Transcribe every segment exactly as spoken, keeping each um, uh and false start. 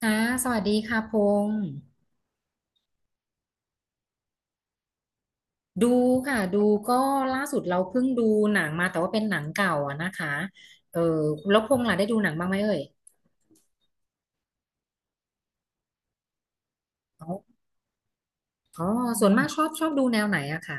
ค่ะสวัสดีค่ะพงษ์ดูค่ะดูก็ล่าสุดเราเพิ่งดูหนังมาแต่ว่าเป็นหนังเก่าอะนะคะเออแล้วพงษ์ล่ะได้ดูหนังบ้างไหมเอ่ยอ๋ออ๋อส่วนมากชอบชอบดูแนวไหนอะคะ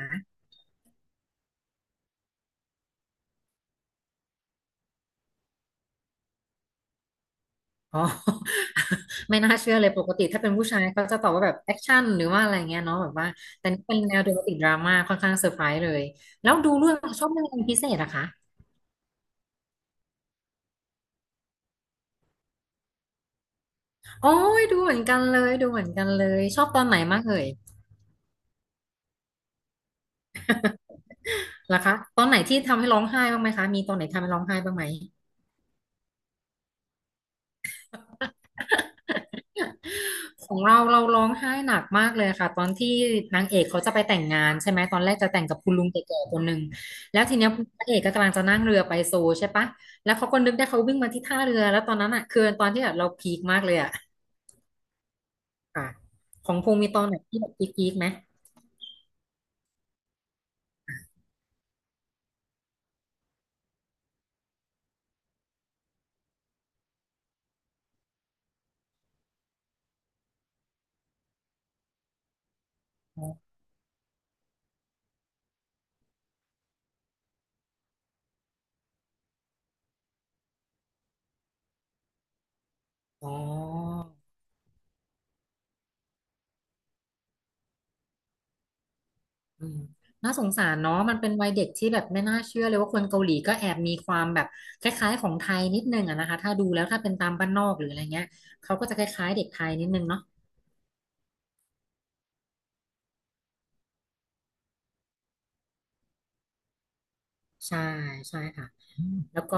อ๋อ ไม่น่าเชื่อเลยปกติถ้าเป็นผู้ชายเขาจะตอบว่าแบบแอคชั่นหรือว่าอะไรเงี้ยเนาะแบบว่าแต่นี่เป็นแนวโรแมนติกดราม่าค่อนข้างเซอร์ไพรส์เลยแล้วดูเรื่องชอบเรื่องอะไรเป็นพิเศษอะคะโอ้ยดูเหมือนกันเลยดูเหมือนกันเลยชอบตอนไหนมากเอ่ย เหรอคะตอนไหนที่ทำให้ร้องไห้บ้างไหมคะมีตอนไหนทำให้ร้องไห้บ้างไหม ของเราเราร้องไห้หนักมากเลยค่ะตอนที่นางเอกเขาจะไปแต่งงานใช่ไหมตอนแรกจะแต่งกับคุณลุงแก่ๆคนหนึ่งแล้วทีเนี้ยพระเอกก็กำลังจะนั่งเรือไปโซลใช่ปะแล้วเขาก็นึกได้เขาวิ่งมาที่ท่าเรือแล้วตอนนั้นอ่ะคือตอนที่แบบเราพีคมากเลยอ่ะค่ะของพงษ์มีตอนไหนที่แบบพีคๆไหมอ๋อ อืมน่าสงสารเนาะมันเป็นวัยเด็กที่แบบไม่น่าเชื่อเลยว่าคนเกาหลีก็แอบมีความแบบคล้ายๆของไทยนิดนึงอะนะคะถ้าดูแล้วถ้าเป็นตามบ้านนอกหรืออะไรเงี้ยเขาก็จะคล้ายๆเด็กไทยนิดนึงเนาะใช่ใช่ค่ะแล้วก็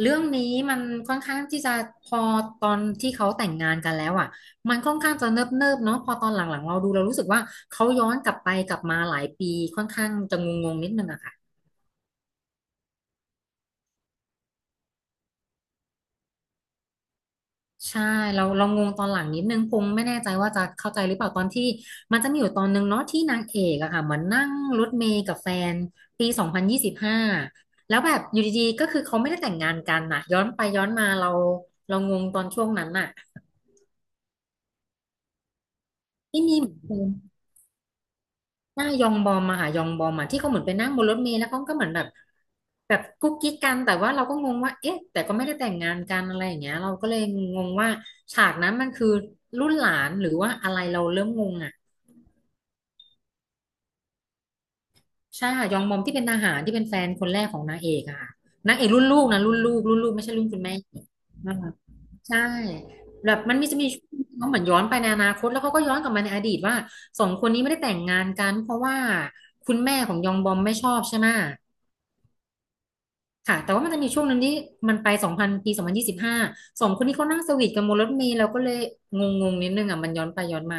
เรื่องนี้มันค่อนข้างที่จะพอตอนที่เขาแต่งงานกันแล้วอ่ะมันค่อนข้างจะเนิบๆเนาะพอตอนหลังๆเราดูเรารู้สึกว่าเขาย้อนกลับไปกลับมาหลายปีค่อนข้างจะงงๆนิดนึงอะค่ะ ใช่เราเรางงตอนหลังนิดนึงพงไม่แน่ใจว่าจะเข้าใจหรือเปล่าตอนที่มันจะมีอยู่ตอนนึงเนาะที่นางเอกอะค่ะเหมือนนั่งรถเมล์กับแฟนปีสองพันยี่สิบห้าแล้วแบบอยู่ดีๆก็คือเขาไม่ได้แต่งงานกันน่ะย้อนไปย้อนมาเราเรางงตอนช่วงนั้นน่ะที่มีเหมือนคนหน้ายองบอมอะค่ะยองบอมอะที่เขาเหมือนไปนั่งบนรถเมล์แล้วเขาก็เหมือนแบบแบบกุ๊กกิ๊กกันแต่ว่าเราก็งงว่าเอ๊ะแต่ก็ไม่ได้แต่งงานกันอะไรอย่างเงี้ยเราก็เลยงงว่าฉากนั้นมันคือรุ่นหลานหรือว่าอะไรเราเริ่มงงอะ ใช่ค่ะยองบอมที่เป็นทหารที่เป็นแฟนคนแรกของนางเอกอะค่ะนางเอกรุ่นลูกนะรุ่นลูกรุ่นลูกไม่ใช่รุ่นคุณแม่น่ารักใช่แบบมันมีจะมีช่วงที่เขาเหมือนย้อนไปในอนาคตแล้วเขาก็ย้อนกลับมาในอดีตว่าสองคนนี้ไม่ได้แต่งงานกันเพราะว่าคุณแม่ของยองบอมไม่ชอบใช่ไหมค่ะแต่ว่ามันจะมีช่วงหนึ่งที่มันไปสองพันปีสองพันยี่สิบห้าสองคนนี้เขานั่งสวีทกันบนรถเมล์เราก็เลยงงงนิดนึงอ่ะมันย้อนไปย้อนมา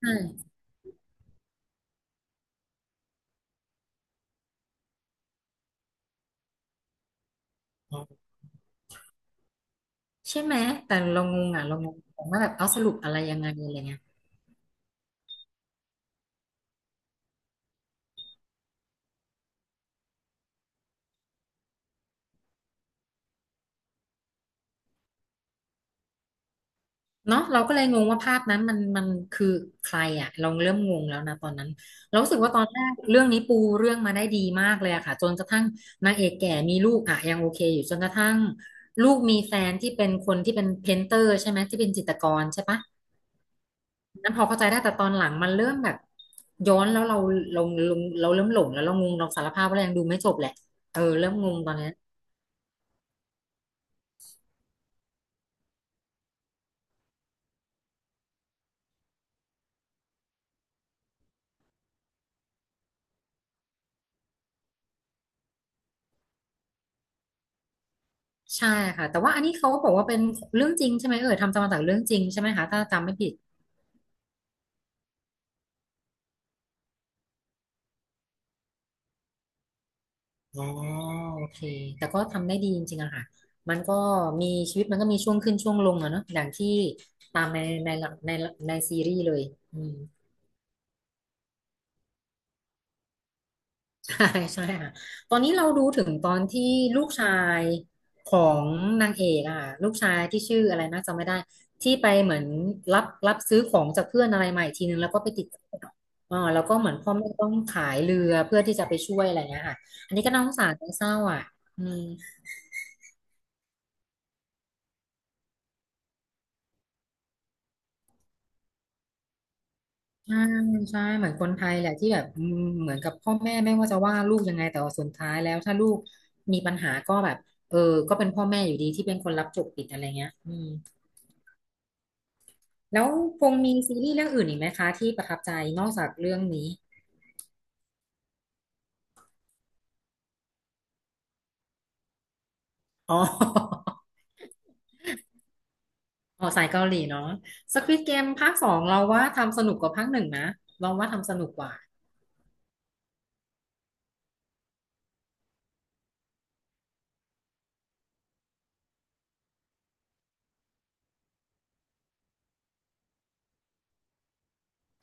ใช่ใช่ไหมแต่เรางงอ่ะเรางงว่าแบบเอาสรุปอะไรยังไงอะไรเงี้ย เนาะเราก็เลยงงว่าภาพนั้นมันมันคือใครอะเราเริ่มงงแล้วนะตอนนั้นเรารู้สึกว่าตอนแรกเรื่องนี้ปูเรื่องมาได้ดีมากเลยอะค่ะจนกระทั่งนางเอกแก่มีลูกอะยังโอเคอยู่จนกระทั่งลูกมีแฟนที่เป็นคนที่เป็นเพนเตอร์ใช่ไหมที่เป็นจิตรกรใช่ปะนั้นพอเข้าใจได้แต่ตอนหลังมันเริ่มแบบย้อนแล้วเราเราเราเราเริ่มหลงแล้วเรางงเราสารภาพว่าเรายังดูไม่จบแหละเออเริ่มงงตอนเนี้ยใช่ค่ะแต่ว่าอันนี้เขาก็บอกว่าเป็นเรื่องจริงใช่ไหมเออทำตามมาจากเรื่องจริงใช่ไหมคะถ้าจำไม่ผิด อ๋อโอเคแต่ก็ทำได้ดีจริงๆอะค่ะมันก็มีชีวิตมันก็มีช่วงขึ้นช่วงลงอะเนาะอย่างที่ตามในในหลักในในซีรีส์เลยอืม ใช่ใช่ค่ะตอนนี้เราดูถึงตอนที่ลูกชายของนางเอกอะ่ะลูกชายที่ชื่ออะไรนะจำไม่ได้ ที่ไปเหมือนรับรับซื้อของจากเพื่อนอะไรใหม่ทีนึงแล้วก็ไปติดคุกอ่าแล้วก็เหมือนพ่อแม่ต้องขายเรือเพื่อที่จะไปช่วยอะไรเงี้ยค่ะอันนี้ก็น่าสงสารน่าเศร้าอ่ะอืม ใช่ใช่เหมือนคนไทยแหละที่แบบอืมเหมือนกับพ่อแม่ไม่ว่าจะว่าลูกยังไงแต่ว่าสุดท้ายแล้วถ้าลูกมีปัญหาก็แบบเออก็เป็นพ่อแม่อยู่ดีที่เป็นคนรับจบผิดอะไรเงี้ยอืมแล้วพงมีซีรีส์เรื่องอื่นอีกไหมคะที่ประทับใจนอกจากเรื่องนี้อ๋อ อ๋อสายเกาหลีเนาะ Squid Game ภาคสองเราว่าทำสนุกกว่าภาคหนึ่งนะเราว่าทำสนุกกว่า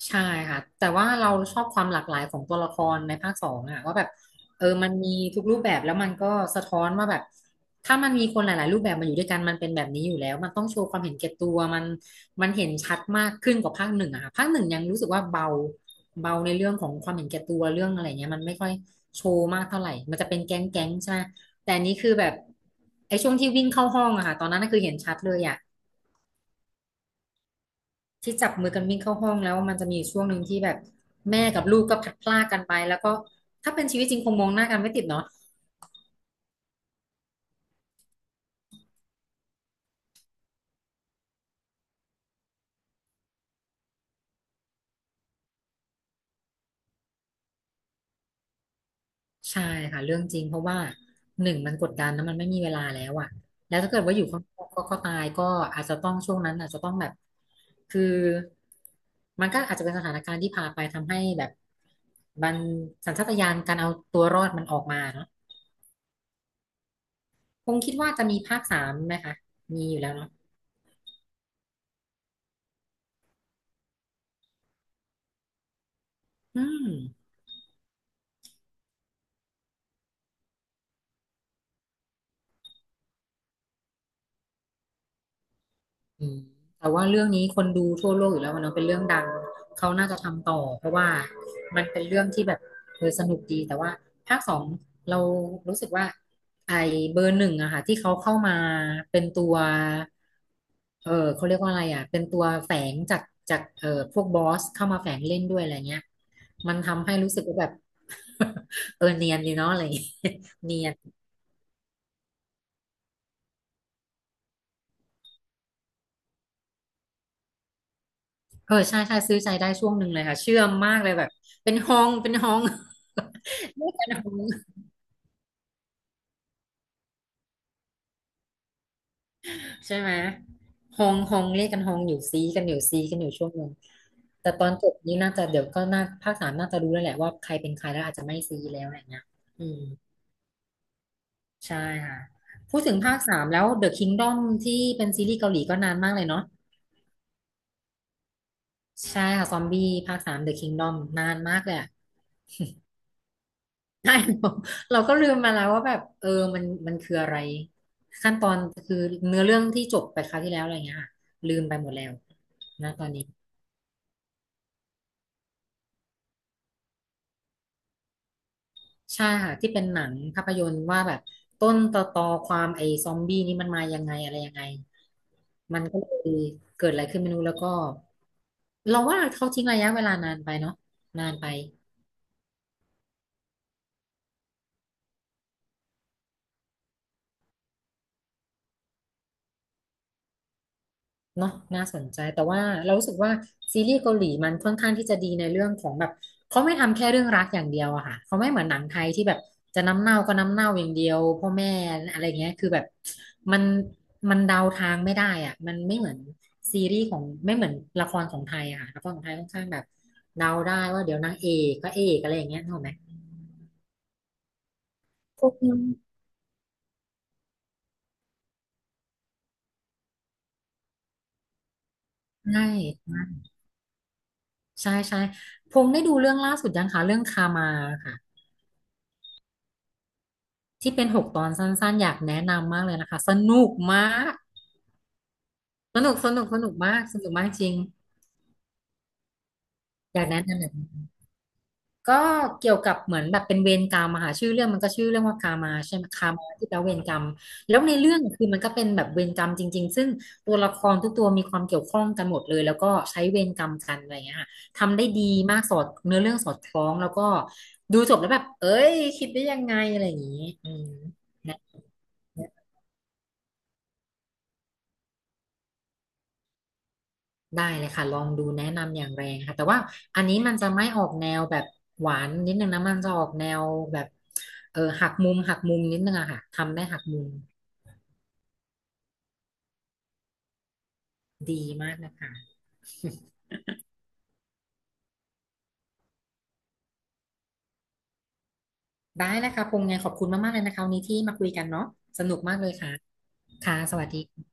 ใช่ค่ะแต่ว่าเราชอบความหลากหลายของตัวละครในภาคสองอะว่าแบบเออมันมีทุกรูปแบบแล้วมันก็สะท้อนว่าแบบถ้ามันมีคนหลายๆรูปแบบมาอยู่ด้วยกันมันเป็นแบบนี้อยู่แล้วมันต้องโชว์ความเห็นแก่ตัวมันมันเห็นชัดมากขึ้นกว่าภาคหนึ่งอะค่ะภาคหนึ่งยังรู้สึกว่าเบาเบาในเรื่องของความเห็นแก่ตัวเรื่องอะไรเงี้ยมันไม่ค่อยโชว์มากเท่าไหร่มันจะเป็นแก๊งแก๊งใช่ไหมแต่อันนี้คือแบบไอ้ช่วงที่วิ่งเข้าห้องอะค่ะตอนนั้นน่ะคือเห็นชัดเลยอะ ที่จับมือกันวิ่งเข้าห้องแล้วมันจะมีอยู่ช่วงหนึ่งที่แบบแม่กับลูกก็พลัดพรากกันไปแล้วก็ถ้าเป็นชีวิตจริงคงมองหน้ากันไม่ติดเนาะใช่ค่ะเรื่องจริงเพราะว่าหนึ่งมันกดดันแล้วมันไม่มีเวลาแล้วอะแล้วถ้าเกิดว่าอยู่ข้างนอกก็ก็ตายก็อาจจะต้องช่วงนั้นอาจจะต้องแบบคือมันก็อาจจะเป็นสถานการณ์ที่พาไปทำให้แบบมันสัญชาตญาณการเอาตัวรอดมันออกมาเนาะคงคิดว่าจะมีภาคสามไหมคะมีอยู่แล้วเนาะอืม อืมแต่ว่าเรื่องนี้คนดูทั่วโลกอยู่แล้วมันเนอะเป็นเรื่องดังเขาน่าจะทำต่อเพราะว่ามันเป็นเรื่องที่แบบเออสนุกดีแต่ว่าภาคสองเรารู้สึกว่าไอเบอร์หนึ่งอะค่ะที่เขาเข้ามาเป็นตัวเออเขาเรียกว่าอะไรอะเป็นตัวแฝงจากจากเออพวกบอสเข้ามาแฝงเล่นด้วยอะไรเงี้ยมันทำให้รู้สึกว่าแบบ เออเนียนดีเนาะอะไรอย่างเงี้ยเนียน เออใช่ใช่ซื้อใจได้ช่วงหนึ่งเลยค่ะเชื่อมมากเลยแบบเป็นฮองเป็นฮอง เรียกกันฮองใช่ไหมฮองฮองเรียกกันฮองอยู่ซีกันอยู่ซีกันอยู่ช่วงหนึ่งแต่ตอนจบนี้น่าจะเดี๋ยวก็น่าภาคสามน่าจะรู้แล้วแหละว่าใครเป็นใครแล้วอาจจะไม่ซีแล้วอะไรเงี้ยอืมใช่ค่ะพูดถึงภาคสามแล้ว The Kingdom ที่เป็นซีรีส์เกาหลีก็นานมากเลยเนาะใช่ค่ะซอมบี้ภาคสาม The Kingdom นานมากเลยอะ ใช่เราเราก็ลืมมาแล้วว่าแบบเออมันมันคืออะไรขั้นตอนคือเนื้อเรื่องที่จบไปคราวที่แล้วอะไรเงี้ยค่ะลืมไปหมดแล้วนะตอนนี้ใช่ค่ะที่เป็นหนังภาพยนตร์ว่าแบบต้นตอตอความไอ้ซอมบี้นี่มันมายังไงอะไรยังไงมันก็เลยเกิดอะไรขึ้นไม่รู้แล้วก็เราว่าเขาทิ้งระยะเวลานานไปเนาะนานไป เนาะน่าสนใจแต่ว่าเรารู้สึกว่าซีรีส์เกาหลีมันค่อนข้างที่จะดีในเรื่องของแบบเขาไม่ทำแค่เรื่องรักอย่างเดียวอะค่ะเขาไม่เหมือนหนังไทยที่แบบจะน้ำเน่าก็น้ำเน่าอย่างเดียวพ่อแม่อะไรเงี้ยคือแบบมันมันเดาทางไม่ได้อะมันไม่เหมือนซีรีส์ของไม่เหมือนละครของไทยอะค่ะละครของไทยค่อนข้างแบบเดาได้ว่าเดี๋ยวนางเอกก็เอกอะไรอย่างเงี้ยถูกไหมพวกนี้ใช่ใช่ใช่พงษ์ได้ดูเรื่องล่าสุดยังคะเรื่องคามาค่ะ ที่เป็นหกตอนสั้นๆอยากแนะนำมากเลยนะคะสนุกมากสนุกสนุกสนุกมากสนุกมากจริงอยากแนะนำแบบนี้ก็เกี่ยวกับเหมือนแบบเป็นเวรกรรมอะค่ะชื่อเรื่องมันก็ชื่อเรื่องว่าคามาใช่ไหมคามาที่แปลว่าเวรกรรมแล้วในเรื่องคือมันก็เป็นแบบเวรกรรมจริงๆซึ่งตัวละครทุกตัวมีความเกี่ยวข้องกันหมดเลยแล้วก็ใช้เวรกรรมกันอะไรอย่างเงี้ยค่ะทำได้ดีมากสอดเนื้อเรื่องสอดคล้องแล้วก็ดูจบแล้วแบบเอ้ยคิดได้ยังไงอะไรอย่างงี้อืม ได้เลยค่ะลองดูแนะนำอย่างแรงค่ะแต่ว่าอันนี้มันจะไม่ออกแนวแบบหวานนิดนึงนะมันจะออกแนวแบบเออหักมุมหักมุมนิดนึงอะค่ะทำได้หักมุมดีมากนะคะได้นะคะพงษ์ไงขอบคุณมากๆเลยนะคะวันนี้ที่มาคุยกันเนาะสนุกมากเลยค่ะค่ะสวัสดี